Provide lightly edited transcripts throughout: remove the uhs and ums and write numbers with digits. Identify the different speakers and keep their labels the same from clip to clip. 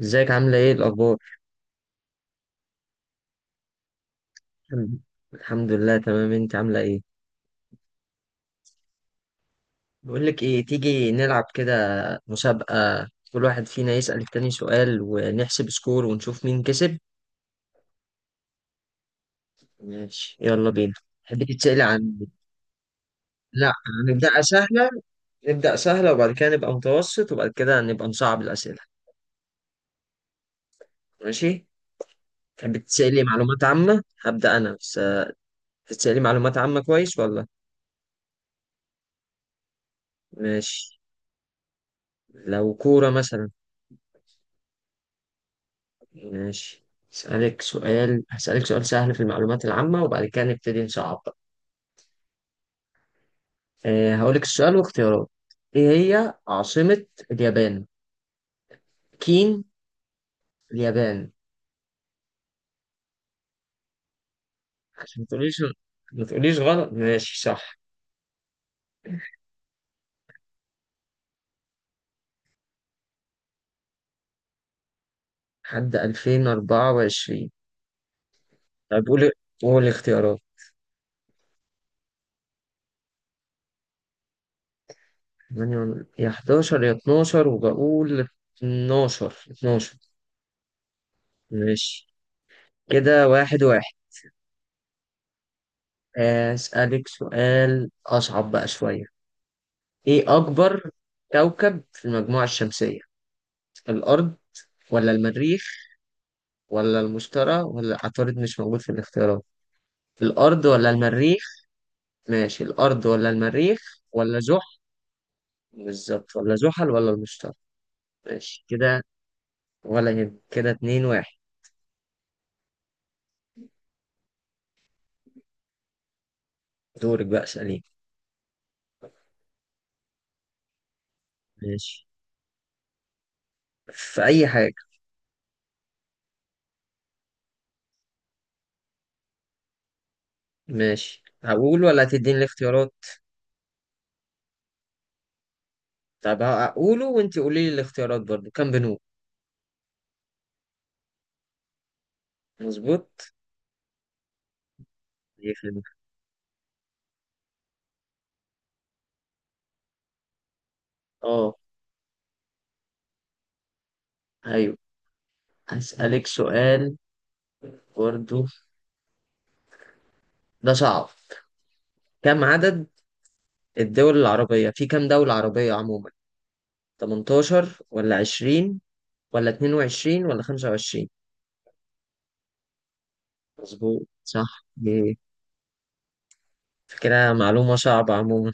Speaker 1: ازيك؟ عاملة ايه؟ الأخبار؟ الحمد الحمد لله، تمام. انت عاملة ايه؟ بقولك ايه، تيجي نلعب كده مسابقة؟ كل واحد فينا يسأل التاني سؤال ونحسب سكور ونشوف مين كسب. ماشي، يلا بينا. تحبي تتسألي عن؟ لا، هنبدأ سهلة. نبدأ سهلة وبعد كده نبقى متوسط وبعد كده نبقى نصعب الأسئلة. ماشي؟ تحبي تتسألي معلومات عامة؟ هبدأ أنا بس. تتسألي معلومات عامة، كويس ولا؟ ماشي. لو كورة مثلا. ماشي، اسألك سؤال، هسألك سؤال سهل في المعلومات العامة وبعد كده نبتدي نصعب بقى. أه، هقولك السؤال واختيارات. ايه هي عاصمة اليابان؟ كين اليابان. عشان ما تقوليش غلط. ماشي، صح. لحد 2024. طيب قولي، قولي اختيارات. يا 11 يا 12، وبقول 12، 12. ماشي كده، واحد واحد. آه، أسألك سؤال أصعب بقى شوية. ايه اكبر كوكب في المجموعة الشمسية؟ الارض ولا المريخ ولا المشتري؟ ولا عطارد مش موجود في الاختيارات. الارض ولا المريخ. ماشي، الارض ولا المريخ ولا زحل. بالظبط، ولا زحل ولا المشتري. ماشي كده، ولا يهم كده، اتنين واحد. دورك بقى، اسأليني. ماشي، في اي حاجة. ماشي، هقول ولا هتديني الاختيارات؟ طب هقوله وانتي قولي لي الاختيارات برضو، كام بنوك. مظبوط. يخرب. اه، ايوه. هسألك سؤال برضو، ده صعب. كم عدد الدول العربية؟ في كم دولة عربية عموما؟ 18 ولا 20 ولا 22 ولا 25؟ مظبوط، صح دي. فكرة معلومة صعبة عموما.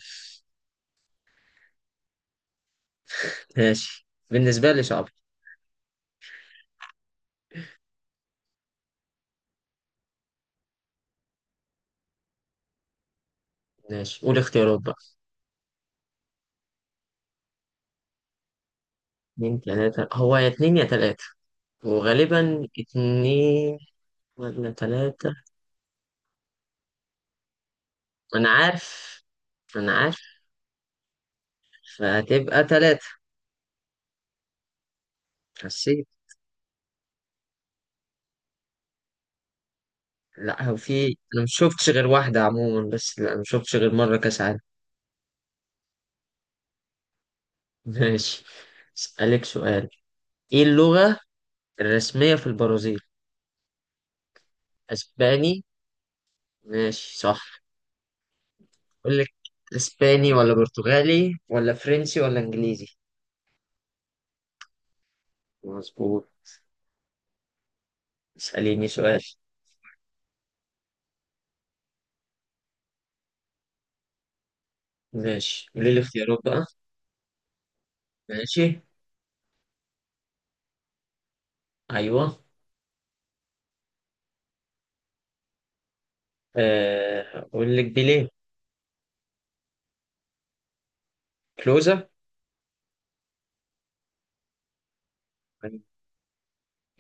Speaker 1: ماشي بالنسبة لي صعبة. ماشي، قول اختيارات بقى. اتنين تلاتة، هو يا اتنين يا تلاتة، وغالبا اتنين ولا تلاتة. أنا عارف، أنا عارف. فهتبقى تلاتة. حسيت. لا، هو في أنا مشوفتش غير واحدة عموما، بس لا أنا مشوفتش غير مرة كأس عالم. ماشي، اسألك سؤال. ايه اللغة الرسمية في البرازيل؟ اسباني؟ ماشي، صح. اقول لك، اسباني ولا برتغالي ولا فرنسي ولا انجليزي؟ مظبوط. اسأليني سؤال. ماشي، قولي لي اختيارات بقى. ماشي، ايوه. آه، اقول لك بيليه. كلوزا. أيوه.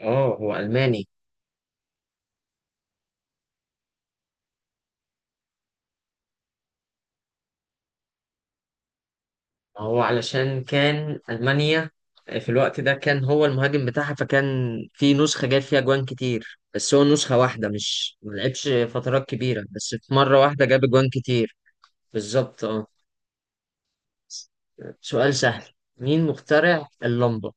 Speaker 1: اه، هو الماني. هو علشان كان ألمانيا، آه، في الوقت ده كان هو المهاجم بتاعها فكان في نسخة جايب فيها جوان كتير، بس هو نسخة واحدة، مش ما لعبش فترات كبيرة، بس في مرة واحدة جاب جوان كتير. بالظبط، اه. سؤال سهل. مين مخترع اللمبة؟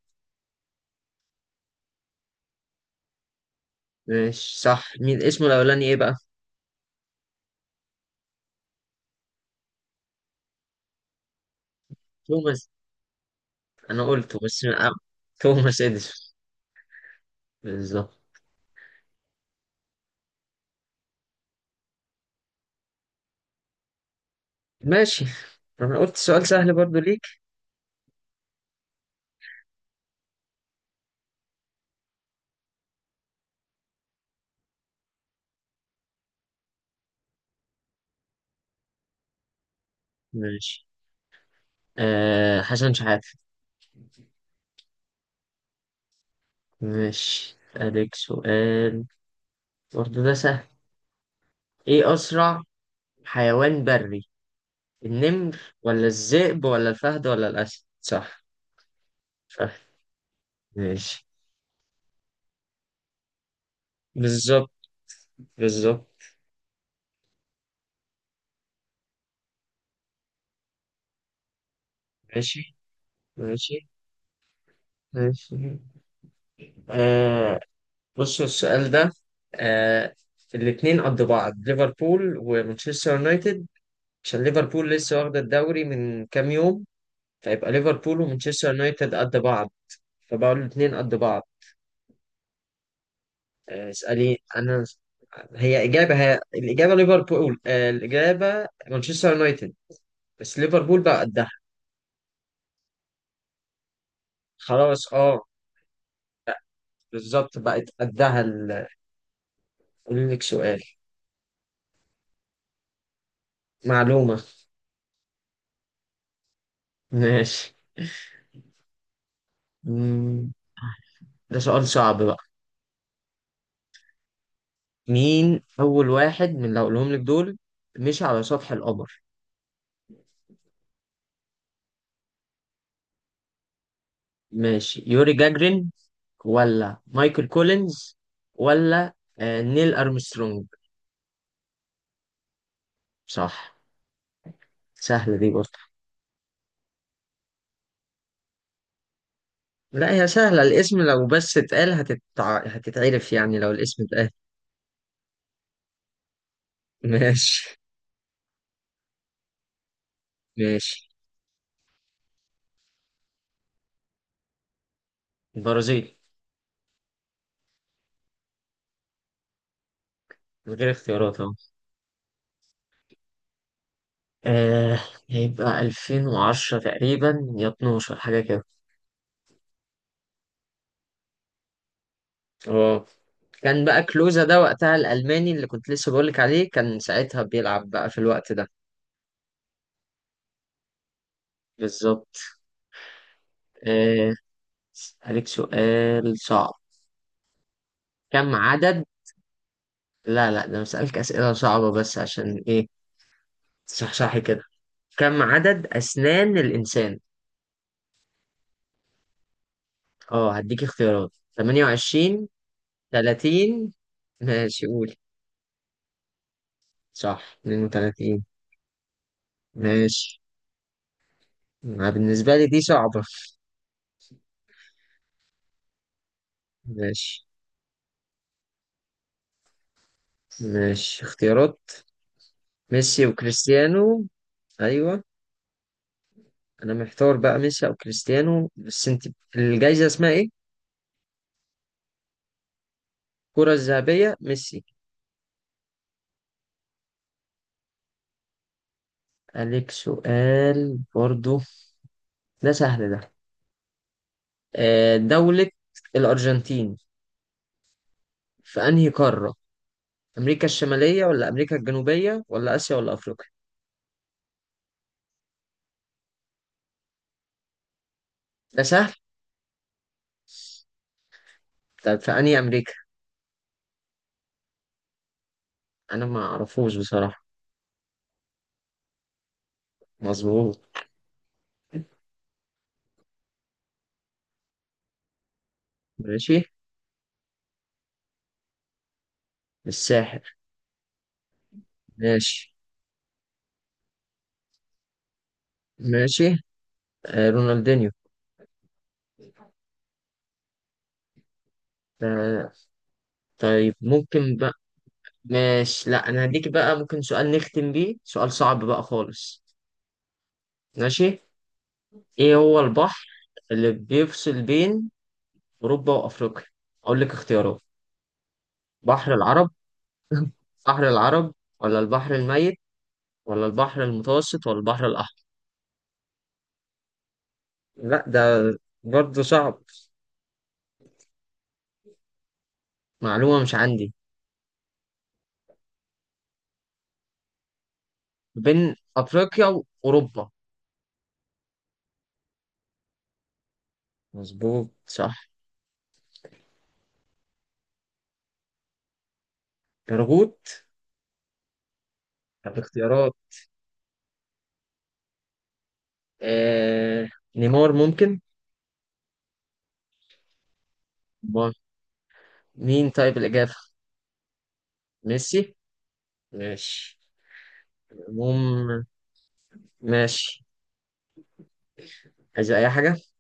Speaker 1: ماشي، صح. مين اسمه الأولاني إيه بقى؟ توماس. أنا قلته بس أه. توماس إديسون، بالظبط. ماشي، أنا قلت سؤال سهل برضو ليك. ماشي، أه، حسن شحاتة. ماشي، أسألك سؤال برضه، ده سهل. إيه أسرع حيوان بري؟ النمر ولا الذئب ولا الفهد ولا الأسد؟ صح، فهد. ماشي. بالظبط، بالظبط. ماشي، ماشي، ماشي. آه، بصوا السؤال ده. آه، الاتنين قد بعض، ليفربول ومانشستر يونايتد. عشان ليفربول لسه واخدة الدوري من كام يوم، فيبقى ليفربول ومانشستر يونايتد قد بعض. فبقول الاتنين قد بعض. آه، اسألي أنا. هي إجابة، هي الإجابة ليفربول، آه، الإجابة مانشستر يونايتد، بس ليفربول بقى قدها. خلاص، أه، بالظبط، بقت قدها قولي لك سؤال. معلومة. ماشي. مم. ده سؤال صعب بقى. مين أول واحد من اللي هقولهم لك دول مشي على سطح القمر؟ ماشي، يوري جاجرين ولا مايكل كولينز ولا آه، نيل أرمسترونج. صح. سهلة دي برضه. لا، هي سهلة، الاسم لو بس اتقال هتتعرف، يعني لو الاسم اتقال. ماشي. ماشي. البرازيل، من غير اختيارات اهو. آه، هيبقى 2010 تقريبا، يا 12 حاجة كده. اه، كان بقى كلوزا ده وقتها الألماني اللي كنت لسه بقولك عليه، كان ساعتها بيلعب بقى في الوقت ده. بالظبط. آه، أسألك سؤال صعب. كم عدد؟ لا لا، ده أنا بسألك أسئلة صعبة بس عشان إيه، تصحصحي كده. كم عدد أسنان الإنسان؟ اه، هديك اختيارات. 28، 30. ماشي، قول. صح، 32. ماشي، ما بالنسبة لي دي صعبة. ماشي، ماشي اختيارات. ميسي وكريستيانو، ايوه. انا محتار بقى، ميسي او كريستيانو، بس انت الجايزة اسمها ايه؟ الكرة الذهبية، ميسي. عليك سؤال برضو، ده سهل ده. آه، دولة الأرجنتين في أنهي قارة؟ أمريكا الشمالية ولا أمريكا الجنوبية ولا آسيا ولا أفريقيا؟ ده سهل. طب في أنهي أمريكا؟ أنا ما أعرفوش بصراحة. مظبوط. ماشي، الساحر. ماشي، ماشي، آه، رونالدينيو. آه، طيب ممكن بقى. ماشي، لا أنا هديك بقى، ممكن سؤال نختم بيه، سؤال صعب بقى خالص. ماشي. إيه هو البحر اللي بيفصل بين أوروبا وأفريقيا؟ أقول لك اختيارات. بحر العرب. بحر العرب ولا البحر الميت ولا البحر المتوسط ولا البحر الأحمر؟ لا، ده برضه صعب. معلومة مش عندي. بين أفريقيا وأوروبا. مظبوط، صح. برغوت؟ طب اختيارات. آه... نيمار ممكن. ما. مين طيب الإجابة؟ ميسي. ماشي. المهم، ماشي، عايز أي حاجة؟